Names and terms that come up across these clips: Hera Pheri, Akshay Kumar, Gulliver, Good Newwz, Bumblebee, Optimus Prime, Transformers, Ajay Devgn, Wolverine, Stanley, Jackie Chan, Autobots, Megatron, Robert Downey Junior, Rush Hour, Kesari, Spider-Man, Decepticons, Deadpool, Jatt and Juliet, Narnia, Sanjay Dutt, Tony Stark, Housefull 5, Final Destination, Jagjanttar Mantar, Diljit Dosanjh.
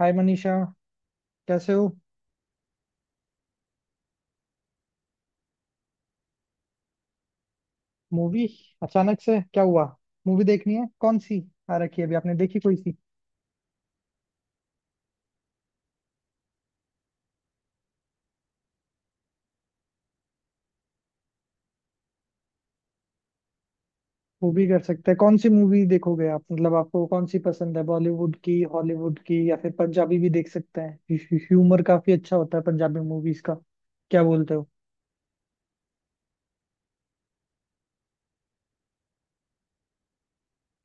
हाय मनीषा, कैसे हो? मूवी? अचानक से क्या हुआ? मूवी देखनी है कौन सी आ रखी है अभी, आपने देखी कोई सी? मूवी कर सकते हैं। कौन सी मूवी देखोगे आप? मतलब आपको कौन सी पसंद है, बॉलीवुड की, हॉलीवुड की, या फिर पंजाबी भी देख सकते हैं। ह्यूमर काफी अच्छा होता है पंजाबी मूवीज का। क्या बोलते हो?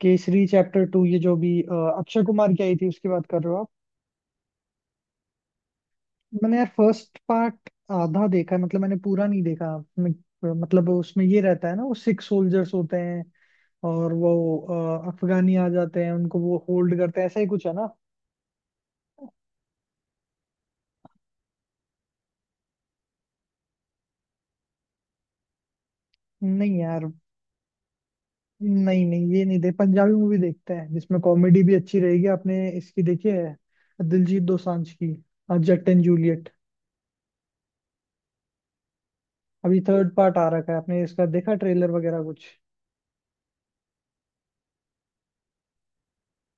केसरी चैप्टर टू, ये जो भी अक्षय कुमार की आई थी उसकी बात कर रहे हो आप? मैंने यार फर्स्ट पार्ट आधा देखा है, मतलब मैंने पूरा नहीं देखा। मैं- मतलब उसमें ये रहता है ना, वो सिक्स सोल्जर्स होते हैं, और वो अफगानी आ जाते हैं, उनको वो होल्ड करते हैं, ऐसा ही कुछ है ना। नहीं यार, नहीं नहीं ये नहीं। देख, पंजाबी मूवी देखते हैं जिसमें कॉमेडी भी अच्छी रहेगी। आपने इसकी देखी है, दिलजीत दोसांझ की जट एंड जूलियट? अभी थर्ड पार्ट आ रखा है, आपने इसका देखा ट्रेलर वगैरह कुछ?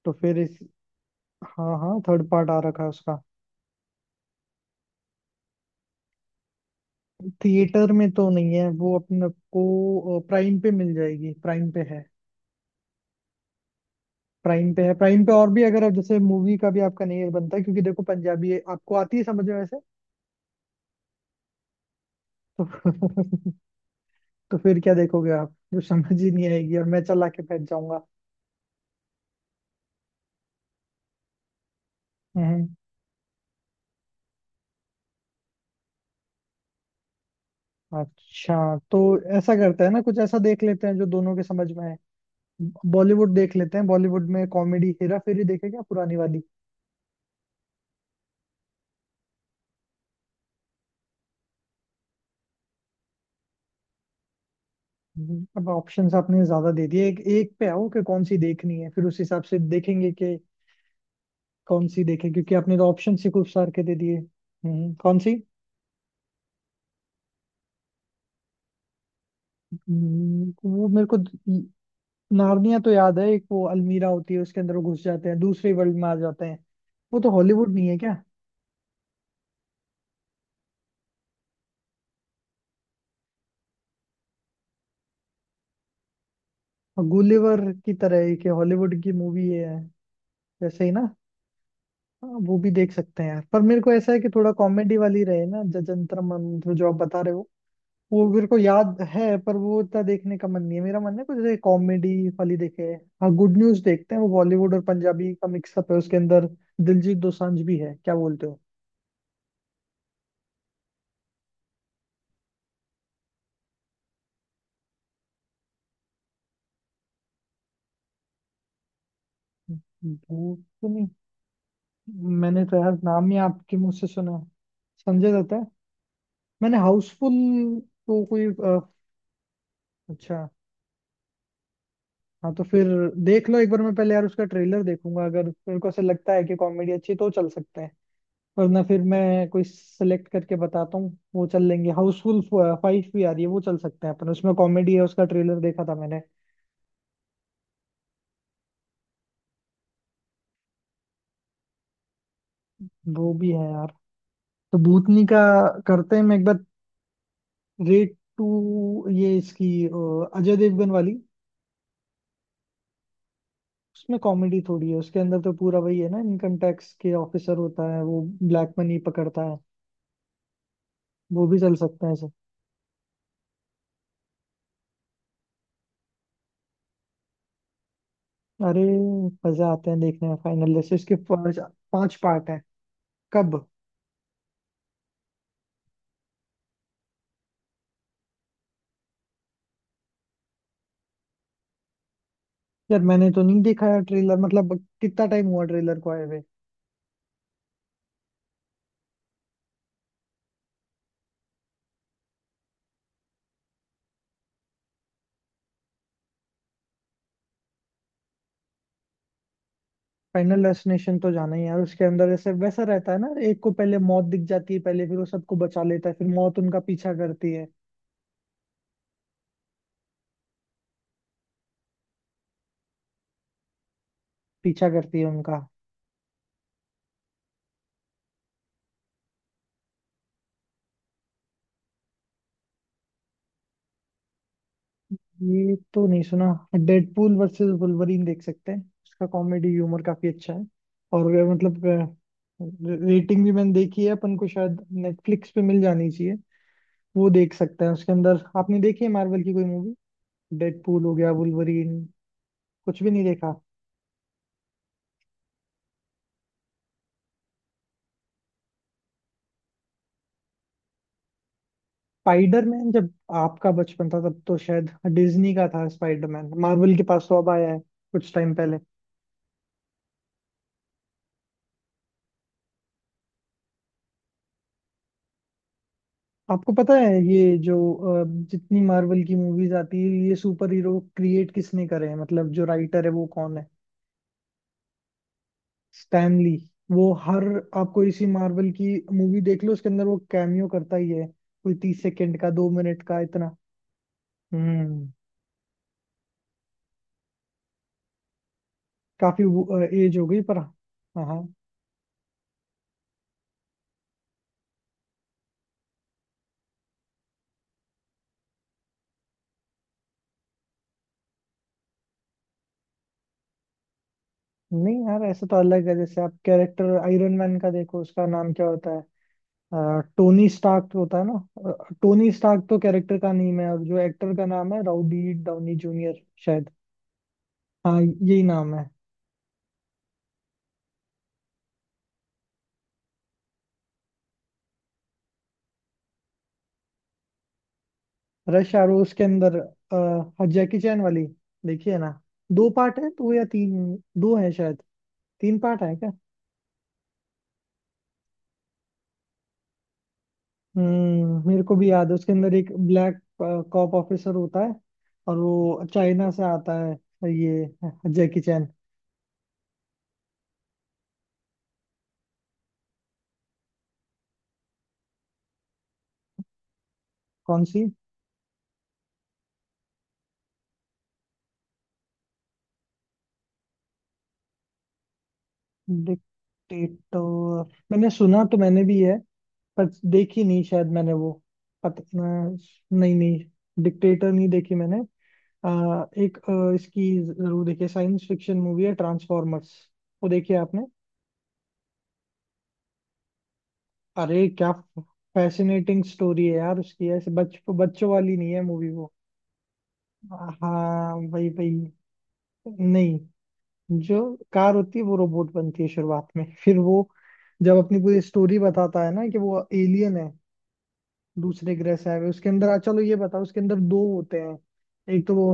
तो फिर इस... हाँ हाँ, थर्ड पार्ट आ रखा है उसका। थिएटर में तो नहीं है वो, अपने को प्राइम पे मिल जाएगी, प्राइम पे है। प्राइम पे है, प्राइम पे, और भी अगर आप जैसे मूवी का भी आपका नहीं बनता है, क्योंकि देखो पंजाबी है, आपको आती है समझ में वैसे? तो तो फिर क्या देखोगे आप, जो समझ ही नहीं आएगी और मैं चला के बैठ जाऊंगा। हम्म। अच्छा। तो ऐसा करते हैं ना, कुछ ऐसा देख लेते हैं जो दोनों के समझ में है। बॉलीवुड देख लेते हैं। बॉलीवुड में कॉमेडी हेरा फेरी देखे क्या, पुरानी वाली? अब ऑप्शंस आपने ज्यादा दे दिए, एक एक पे आओ कि कौन सी देखनी है, फिर उस हिसाब से देखेंगे कि कौन सी देखें, क्योंकि आपने तो ऑप्शन ही खूब सार के दे दिए। हम्म, कौन सी? वो मेरे को नार्निया तो याद है, एक वो अलमीरा होती है, उसके अंदर वो घुस जाते हैं, दूसरे वर्ल्ड में आ जाते हैं। वो तो हॉलीवुड नहीं है क्या? गुलिवर की तरह एक हॉलीवुड की मूवी है, वैसे ही ना? हाँ, वो भी देख सकते हैं यार, पर मेरे को ऐसा है कि थोड़ा कॉमेडी वाली रहे ना। जजंतर मंत्र जो आप बता रहे हो, वो मेरे को याद है, पर वो इतना देखने का मन नहीं है। मेरा मन है कुछ जैसे कॉमेडी वाली देखे। हाँ, गुड न्यूज देखते हैं, वो बॉलीवुड और पंजाबी का मिक्सअप है उसके अंदर। दिलजीत दोसांझ भी है, क्या बोलते हो? भूत तो नहीं। मैंने तो यार नाम ही आपके मुंह से सुना है। संजय दत्त है? मैंने हाउसफुल... तो कोई अच्छा। हाँ तो फिर देख लो एक बार। मैं पहले यार उसका ट्रेलर देखूंगा, अगर मेरे को ऐसा लगता है कि कॉमेडी अच्छी है, तो चल सकते हैं। वरना फिर मैं कोई सेलेक्ट करके बताता हूँ, वो चल लेंगे। हाउसफुल फाइव भी आ रही है, वो चल सकते हैं अपन, उसमें कॉमेडी है, उसका ट्रेलर देखा था मैंने। वो भी है यार। तो भूतनी का करते हैं, मैं एक बार... रेट टू, ये इसकी अजय देवगन वाली? उसमें कॉमेडी थोड़ी है, उसके अंदर तो पूरा वही है ना, इनकम टैक्स के ऑफिसर होता है, वो ब्लैक मनी पकड़ता है। वो भी चल सकते हैं सब। अरे, मजा आते हैं देखने में, फाइनल जैसे इसके पांच पांच पार्ट हैं। कब? यार मैंने तो नहीं देखा यार ट्रेलर, मतलब कितना टाइम हुआ ट्रेलर को आए हुए? फाइनल डेस्टिनेशन तो जाना ही है यार। उसके अंदर ऐसे वैसा रहता है ना, एक को पहले मौत दिख जाती है पहले, फिर वो सबको बचा लेता है, फिर मौत उनका पीछा करती है, पीछा करती है उनका। ये तो नहीं सुना। डेडपूल वर्सेस वुल्वरीन देख सकते हैं, उसका कॉमेडी ह्यूमर काफी अच्छा है, और मतलब रेटिंग भी मैंने देखी है, अपन को शायद नेटफ्लिक्स पे मिल जानी चाहिए। वो देख सकते हैं। उसके अंदर आपने देखी है मार्वल की कोई मूवी? डेडपूल हो गया, वुल्वरीन, कुछ भी नहीं देखा? स्पाइडरमैन, जब आपका बचपन था तब तो शायद डिज्नी का था स्पाइडरमैन, मार्वल के पास तो अब आया है कुछ टाइम पहले। आपको पता है, ये जो अ, जितनी मार्वल की मूवीज आती है, ये सुपर हीरो क्रिएट किसने करे हैं, मतलब जो राइटर है वो कौन है? स्टैनली। वो हर... आपको इसी मार्वल की मूवी देख लो, उसके अंदर वो कैमियो करता ही है, कोई 30 सेकंड का, 2 मिनट का, इतना। हम्म। काफी एज हो गई, पर हाँ हाँ। नहीं यार, ऐसा तो अलग है, जैसे आप कैरेक्टर आयरन मैन का देखो, उसका नाम क्या होता है? अ, टोनी स्टार्क तो होता है ना? टोनी स्टार्क तो कैरेक्टर का नेम है, और जो एक्टर का नाम है रॉबर्ट डाउनी जूनियर शायद। हाँ, यही नाम है। रश आवर, उसके अंदर जैकी चैन वाली? देखिए ना, दो पार्ट है, दो या तीन, दो है शायद। तीन पार्ट है क्या? हम्म, मेरे को भी याद है। उसके अंदर एक ब्लैक कॉप ऑफिसर होता है, और वो चाइना से आता है, ये जैकी चैन। कौन सी? डिक्टेटर, मैंने सुना तो मैंने भी है, पर देखी नहीं शायद मैंने वो, पता नहीं, नहीं, डिक्टेटर नहीं देखी मैंने। एक इसकी जरूर देखिए, साइंस फिक्शन मूवी है, ट्रांसफॉर्मर्स। वो देखी है आपने? अरे क्या फैसिनेटिंग स्टोरी है यार उसकी, ऐसे बच बच्चों वाली नहीं है मूवी वो। हाँ वही वही। नहीं, जो कार होती है वो रोबोट बनती है शुरुआत में, फिर वो जब अपनी पूरी स्टोरी बताता है ना कि वो एलियन है, दूसरे ग्रह से आए हुए। उसके अंदर चलो ये बताओ, उसके अंदर दो होते हैं, एक तो वो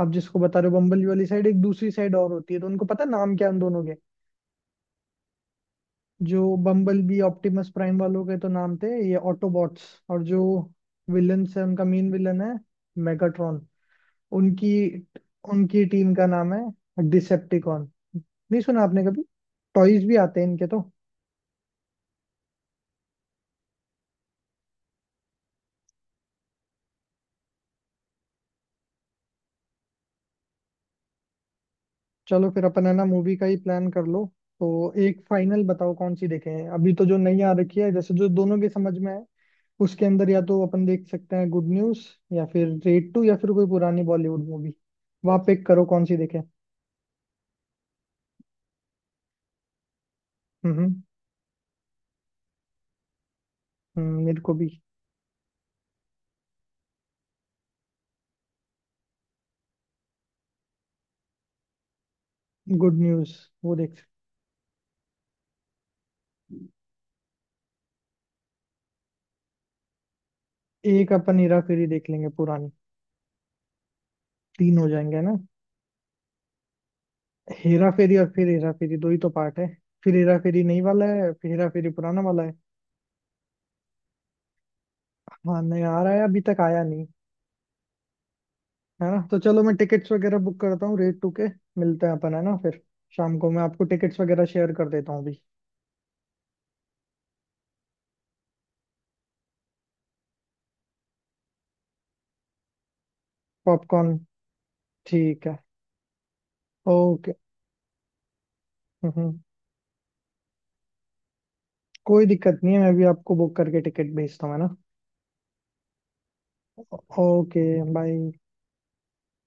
आप जिसको बता रहे हो बम्बल वाली साइड, एक दूसरी साइड और होती है, तो उनको पता नाम क्या है उन दोनों के? जो बम्बल बी, ऑप्टिमस प्राइम वालों के तो नाम थे ये ऑटोबॉट्स, और जो विलन्स है उनका मेन विलन है मेगाट्रॉन। उनकी... उनकी टीम का नाम है डिसेप्टिकॉन। नहीं सुना आपने कभी? टॉयज भी आते हैं इनके तो। चलो फिर अपन है ना, मूवी का ही प्लान कर लो। तो एक फाइनल बताओ कौन सी देखें, अभी तो जो नई आ रखी है, जैसे जो दोनों के समझ में है उसके अंदर, या तो अपन देख सकते हैं गुड न्यूज, या फिर रेड टू, या फिर कोई पुरानी बॉलीवुड मूवी। वहाँ पिक करो कौन सी देखें। हम्म। मेरे को भी। गुड न्यूज वो देख सकते। एक अपन हेरा फेरी देख लेंगे पुरानी, तीन हो जाएंगे है ना? हेरा फेरी, और फिर हेरा फेरी, दो ही तो पार्ट है, फिर हेरा फेरी नई वाला है, फिर हेरा फेरी पुराना वाला है। हाँ नया आ रहा है, अभी तक आया नहीं। है ना? तो चलो मैं टिकट्स वगैरह बुक करता हूँ रेट टू के। मिलते हैं अपन, है ना? फिर शाम को मैं आपको टिकट्स वगैरह शेयर कर देता हूँ अभी। पॉपकॉर्न, ठीक है। ओके। हम्म हम्म, कोई दिक्कत नहीं है, मैं भी आपको बुक करके टिकट भेजता हूँ, है ना? ओके। बाय।